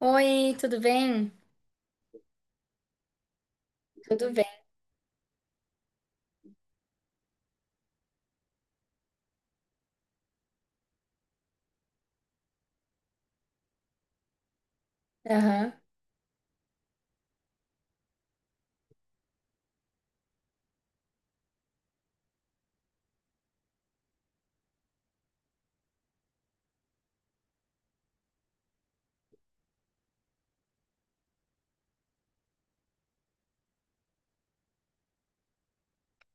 Oi, tudo bem? Tudo bem. Aham.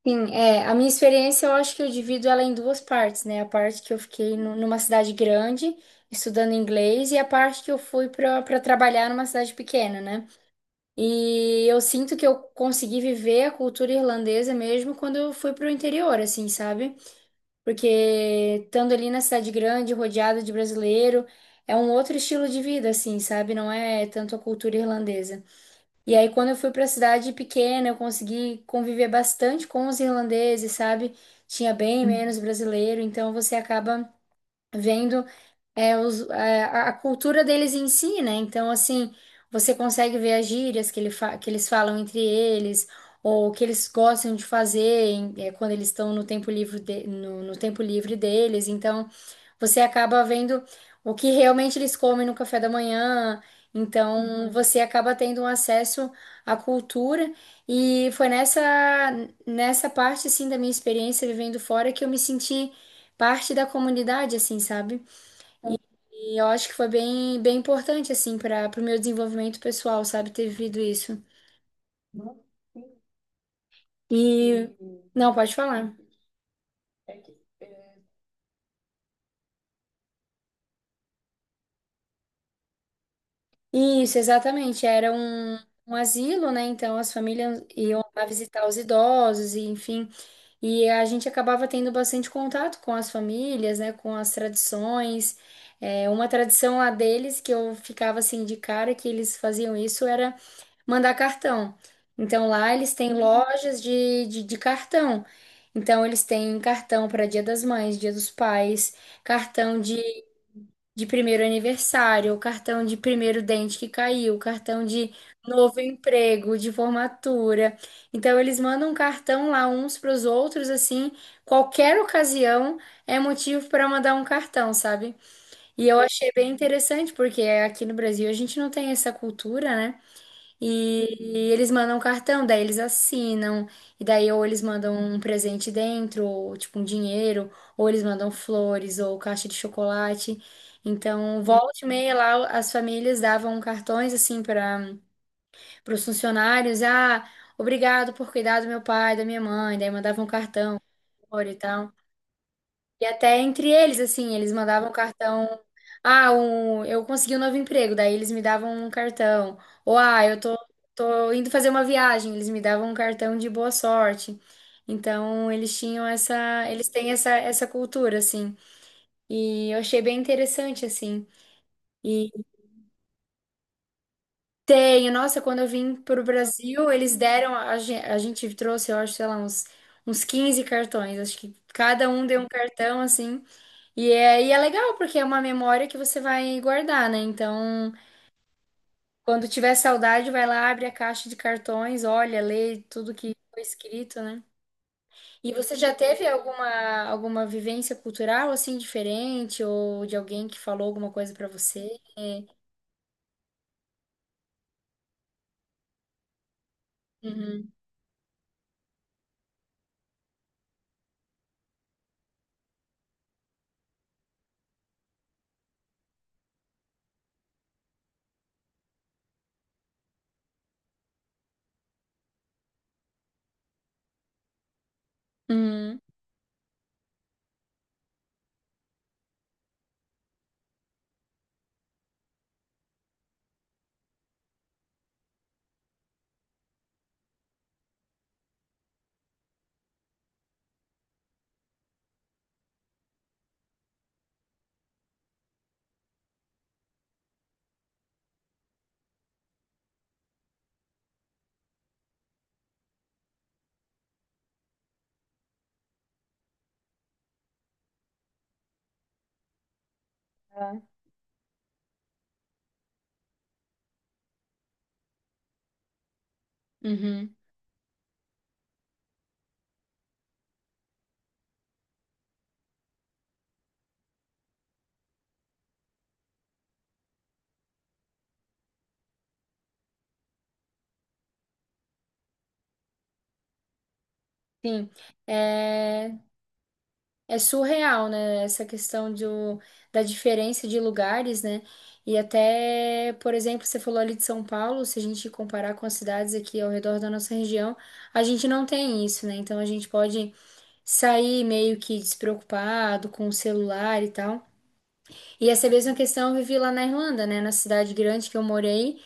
Sim, a minha experiência eu acho que eu divido ela em duas partes, né? A parte que eu fiquei numa cidade grande estudando inglês e a parte que eu fui para trabalhar numa cidade pequena, né? E eu sinto que eu consegui viver a cultura irlandesa mesmo quando eu fui para o interior, assim, sabe? Porque estando ali na cidade grande, rodeada de brasileiro, é um outro estilo de vida, assim, sabe? Não é tanto a cultura irlandesa. E aí, quando eu fui para a cidade pequena, eu consegui conviver bastante com os irlandeses, sabe? Tinha bem menos brasileiro, então você acaba vendo a cultura deles em si, né? Então, assim, você consegue ver as gírias que, que eles falam entre eles, ou o que eles gostam de fazer quando eles estão no tempo livre no tempo livre deles. Então, você acaba vendo o que realmente eles comem no café da manhã, então Uhum. você acaba tendo um acesso à cultura. E foi nessa parte, assim, da minha experiência vivendo fora que eu me senti parte da comunidade, assim, sabe? E eu acho que foi bem importante, assim, para o meu desenvolvimento pessoal, sabe? Ter vivido isso. E. Não, pode falar. Isso, exatamente. Um asilo, né? Então as famílias iam lá visitar os idosos, e enfim. E a gente acabava tendo bastante contato com as famílias, né, com as tradições. É, uma tradição lá deles que eu ficava assim de cara que eles faziam isso era mandar cartão. Então lá eles têm lojas de cartão. Então eles têm cartão para Dia das Mães, Dia dos Pais, cartão de primeiro aniversário, o cartão de primeiro dente que caiu, o cartão de novo emprego, de formatura. Então eles mandam um cartão lá uns para os outros assim, qualquer ocasião é motivo para mandar um cartão, sabe? E eu achei bem interessante porque aqui no Brasil a gente não tem essa cultura, né? E eles mandam um cartão, daí eles assinam, e daí ou eles mandam um presente dentro, ou tipo um dinheiro, ou eles mandam flores, ou caixa de chocolate. Então, volta e meia lá, as famílias davam cartões assim para os funcionários: ah, obrigado por cuidar do meu pai, da minha mãe, daí mandavam um cartão, um flor e tal. E até entre eles, assim, eles mandavam cartão. Ah, um, eu consegui um novo emprego, daí eles me davam um cartão. Ou, ah, tô indo fazer uma viagem, eles me davam um cartão de boa sorte. Então, eles têm essa cultura, assim. E eu achei bem interessante, assim. E tenho, nossa, quando eu vim pro Brasil, eles deram, a gente trouxe, eu acho, sei lá, uns 15 cartões. Acho que cada um deu um cartão, assim. E é legal, porque é uma memória que você vai guardar, né? Então, quando tiver saudade, vai lá, abre a caixa de cartões, olha, lê tudo que foi escrito, né? E você já teve alguma vivência cultural, assim, diferente? Ou de alguém que falou alguma coisa pra você? Uhum. Uhum. Né? Uhum. Sim. É, é surreal, né? Essa questão da diferença de lugares, né? E até, por exemplo, você falou ali de São Paulo, se a gente comparar com as cidades aqui ao redor da nossa região, a gente não tem isso, né? Então a gente pode sair meio que despreocupado com o celular e tal. E essa mesma questão eu vivi lá na Irlanda, né? Na cidade grande que eu morei,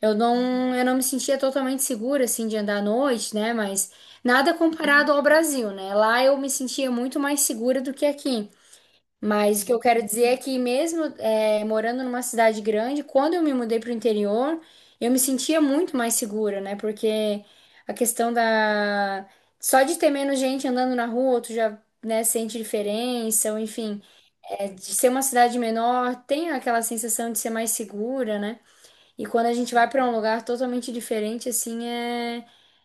eu não me sentia totalmente segura, assim, de andar à noite, né? Mas nada comparado ao Brasil, né? Lá eu me sentia muito mais segura do que aqui. Mas o que eu quero dizer é que mesmo morando numa cidade grande, quando eu me mudei para o interior, eu me sentia muito mais segura, né? Porque a questão da... Só de ter menos gente andando na rua, tu já, né, sente diferença, ou enfim, de ser uma cidade menor, tem aquela sensação de ser mais segura, né? E quando a gente vai para um lugar totalmente diferente,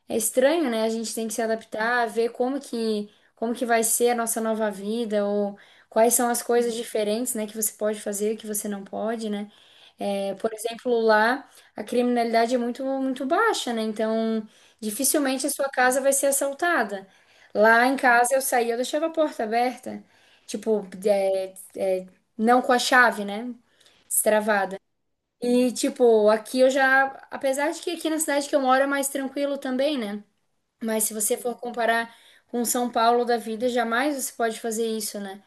é estranho, né? A gente tem que se adaptar, como que vai ser a nossa nova vida, ou quais são as coisas diferentes, né, que você pode fazer, que você não pode, né? É, por exemplo, lá a criminalidade é muito baixa, né? Então, dificilmente a sua casa vai ser assaltada. Lá em casa eu saía, eu deixava a porta aberta, tipo, é, é, não com a chave, né? Destravada. E, tipo, aqui eu já. Apesar de que aqui na cidade que eu moro é mais tranquilo também, né? Mas se você for comparar com São Paulo da vida, jamais você pode fazer isso, né?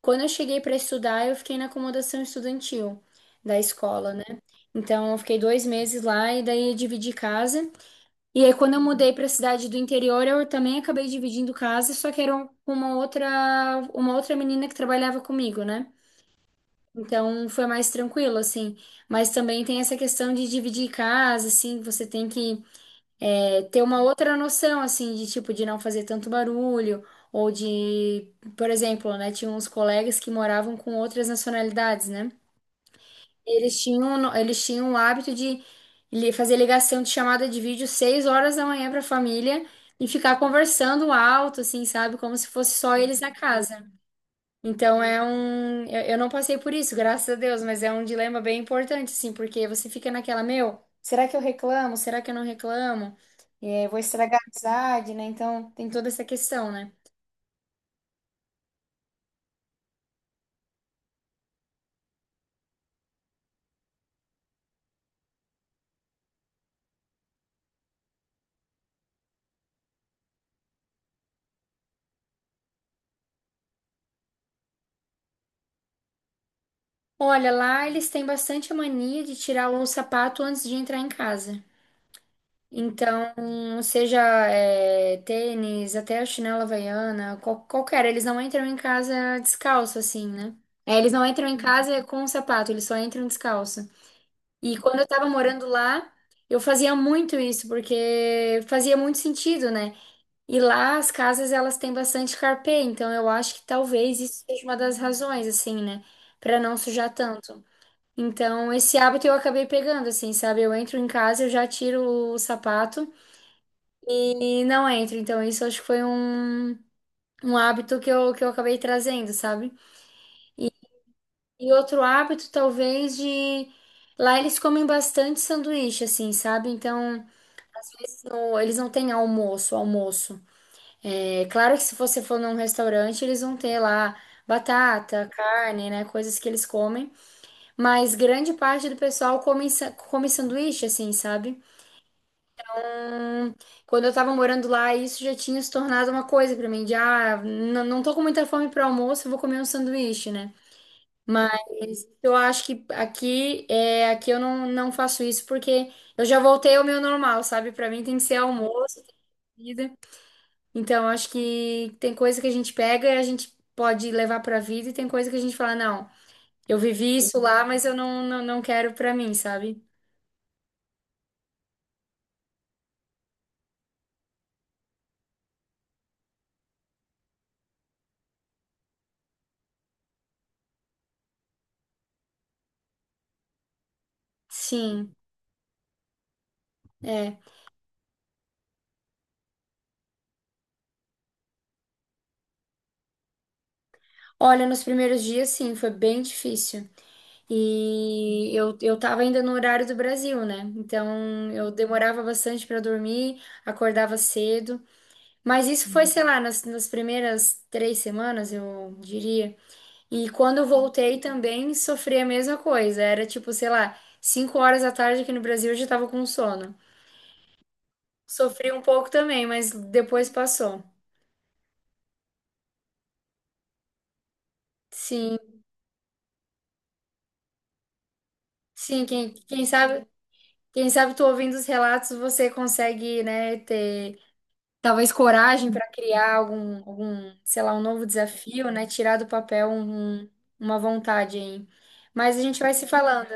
Quando eu cheguei para estudar, eu fiquei na acomodação estudantil da escola, né? Então, eu fiquei 2 meses lá e daí eu dividi casa. E aí, quando eu mudei para a cidade do interior, eu também acabei dividindo casa, só que com uma outra menina que trabalhava comigo, né? Então foi mais tranquilo, assim. Mas também tem essa questão de dividir casa, assim, você tem que ter uma outra noção, assim, de tipo, de não fazer tanto barulho, ou de, por exemplo, né, tinha uns colegas que moravam com outras nacionalidades, né? Eles tinham, no- eles tinham o hábito de fazer ligação de chamada de vídeo 6 horas da manhã para a família e ficar conversando alto, assim, sabe? Como se fosse só eles na casa. Então é um. Eu não passei por isso, graças a Deus, mas é um dilema bem importante, assim, porque você fica naquela, meu, será que eu reclamo? Será que eu não reclamo? É, vou estragar a amizade, né? Então tem toda essa questão, né? Olha, lá eles têm bastante mania de tirar o sapato antes de entrar em casa. Então, seja tênis, até a chinela havaiana, qualquer, eles não entram em casa descalço, assim, né? É, eles não entram em casa com o sapato, eles só entram descalço. E quando eu tava morando lá, eu fazia muito isso, porque fazia muito sentido, né? E lá as casas elas têm bastante carpê, então eu acho que talvez isso seja uma das razões, assim, né? Pra não sujar tanto. Então, esse hábito eu acabei pegando, assim, sabe? Eu entro em casa, eu já tiro o sapato e não entro. Então, isso acho que foi um hábito que que eu acabei trazendo, sabe? E, e outro hábito, talvez, de. Lá eles comem bastante sanduíche, assim, sabe? Então, não, eles não têm almoço. É claro que se você for num restaurante, eles vão ter lá batata, carne, né? Coisas que eles comem. Mas grande parte do pessoal come, come sanduíche, assim, sabe? Quando eu tava morando lá, isso já tinha se tornado uma coisa pra mim, de ah, não tô com muita fome pro almoço, eu vou comer um sanduíche, né? Mas eu acho que aqui, aqui eu não, não faço isso porque eu já voltei ao meu normal, sabe? Pra mim tem que ser almoço, comida. Então, acho que tem coisa que a gente pega e a gente pode levar pra vida, e tem coisa que a gente fala, não, eu vivi isso lá, mas eu não, não, não quero pra mim, sabe? Sim, é. Olha, nos primeiros dias, sim, foi bem difícil. Eu tava ainda no horário do Brasil, né? Então eu demorava bastante pra dormir, acordava cedo. Mas isso foi, sei lá, nas primeiras 3 semanas, eu diria. E quando eu voltei também sofri a mesma coisa. Era tipo, sei lá, 5 horas da tarde aqui no Brasil eu já tava com sono. Sofri um pouco também, mas depois passou. Sim, sim, quem sabe tu ouvindo os relatos, você consegue, né, ter talvez coragem para criar algum, sei lá, um novo desafio, né, tirar do papel uma vontade aí. Mas a gente vai se falando,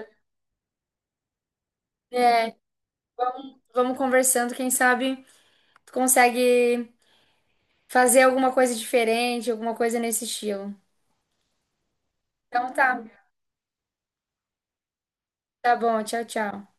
vamos conversando, quem sabe tu consegue fazer alguma coisa diferente, alguma coisa nesse estilo. Então tá, tá bom, tchau, tchau.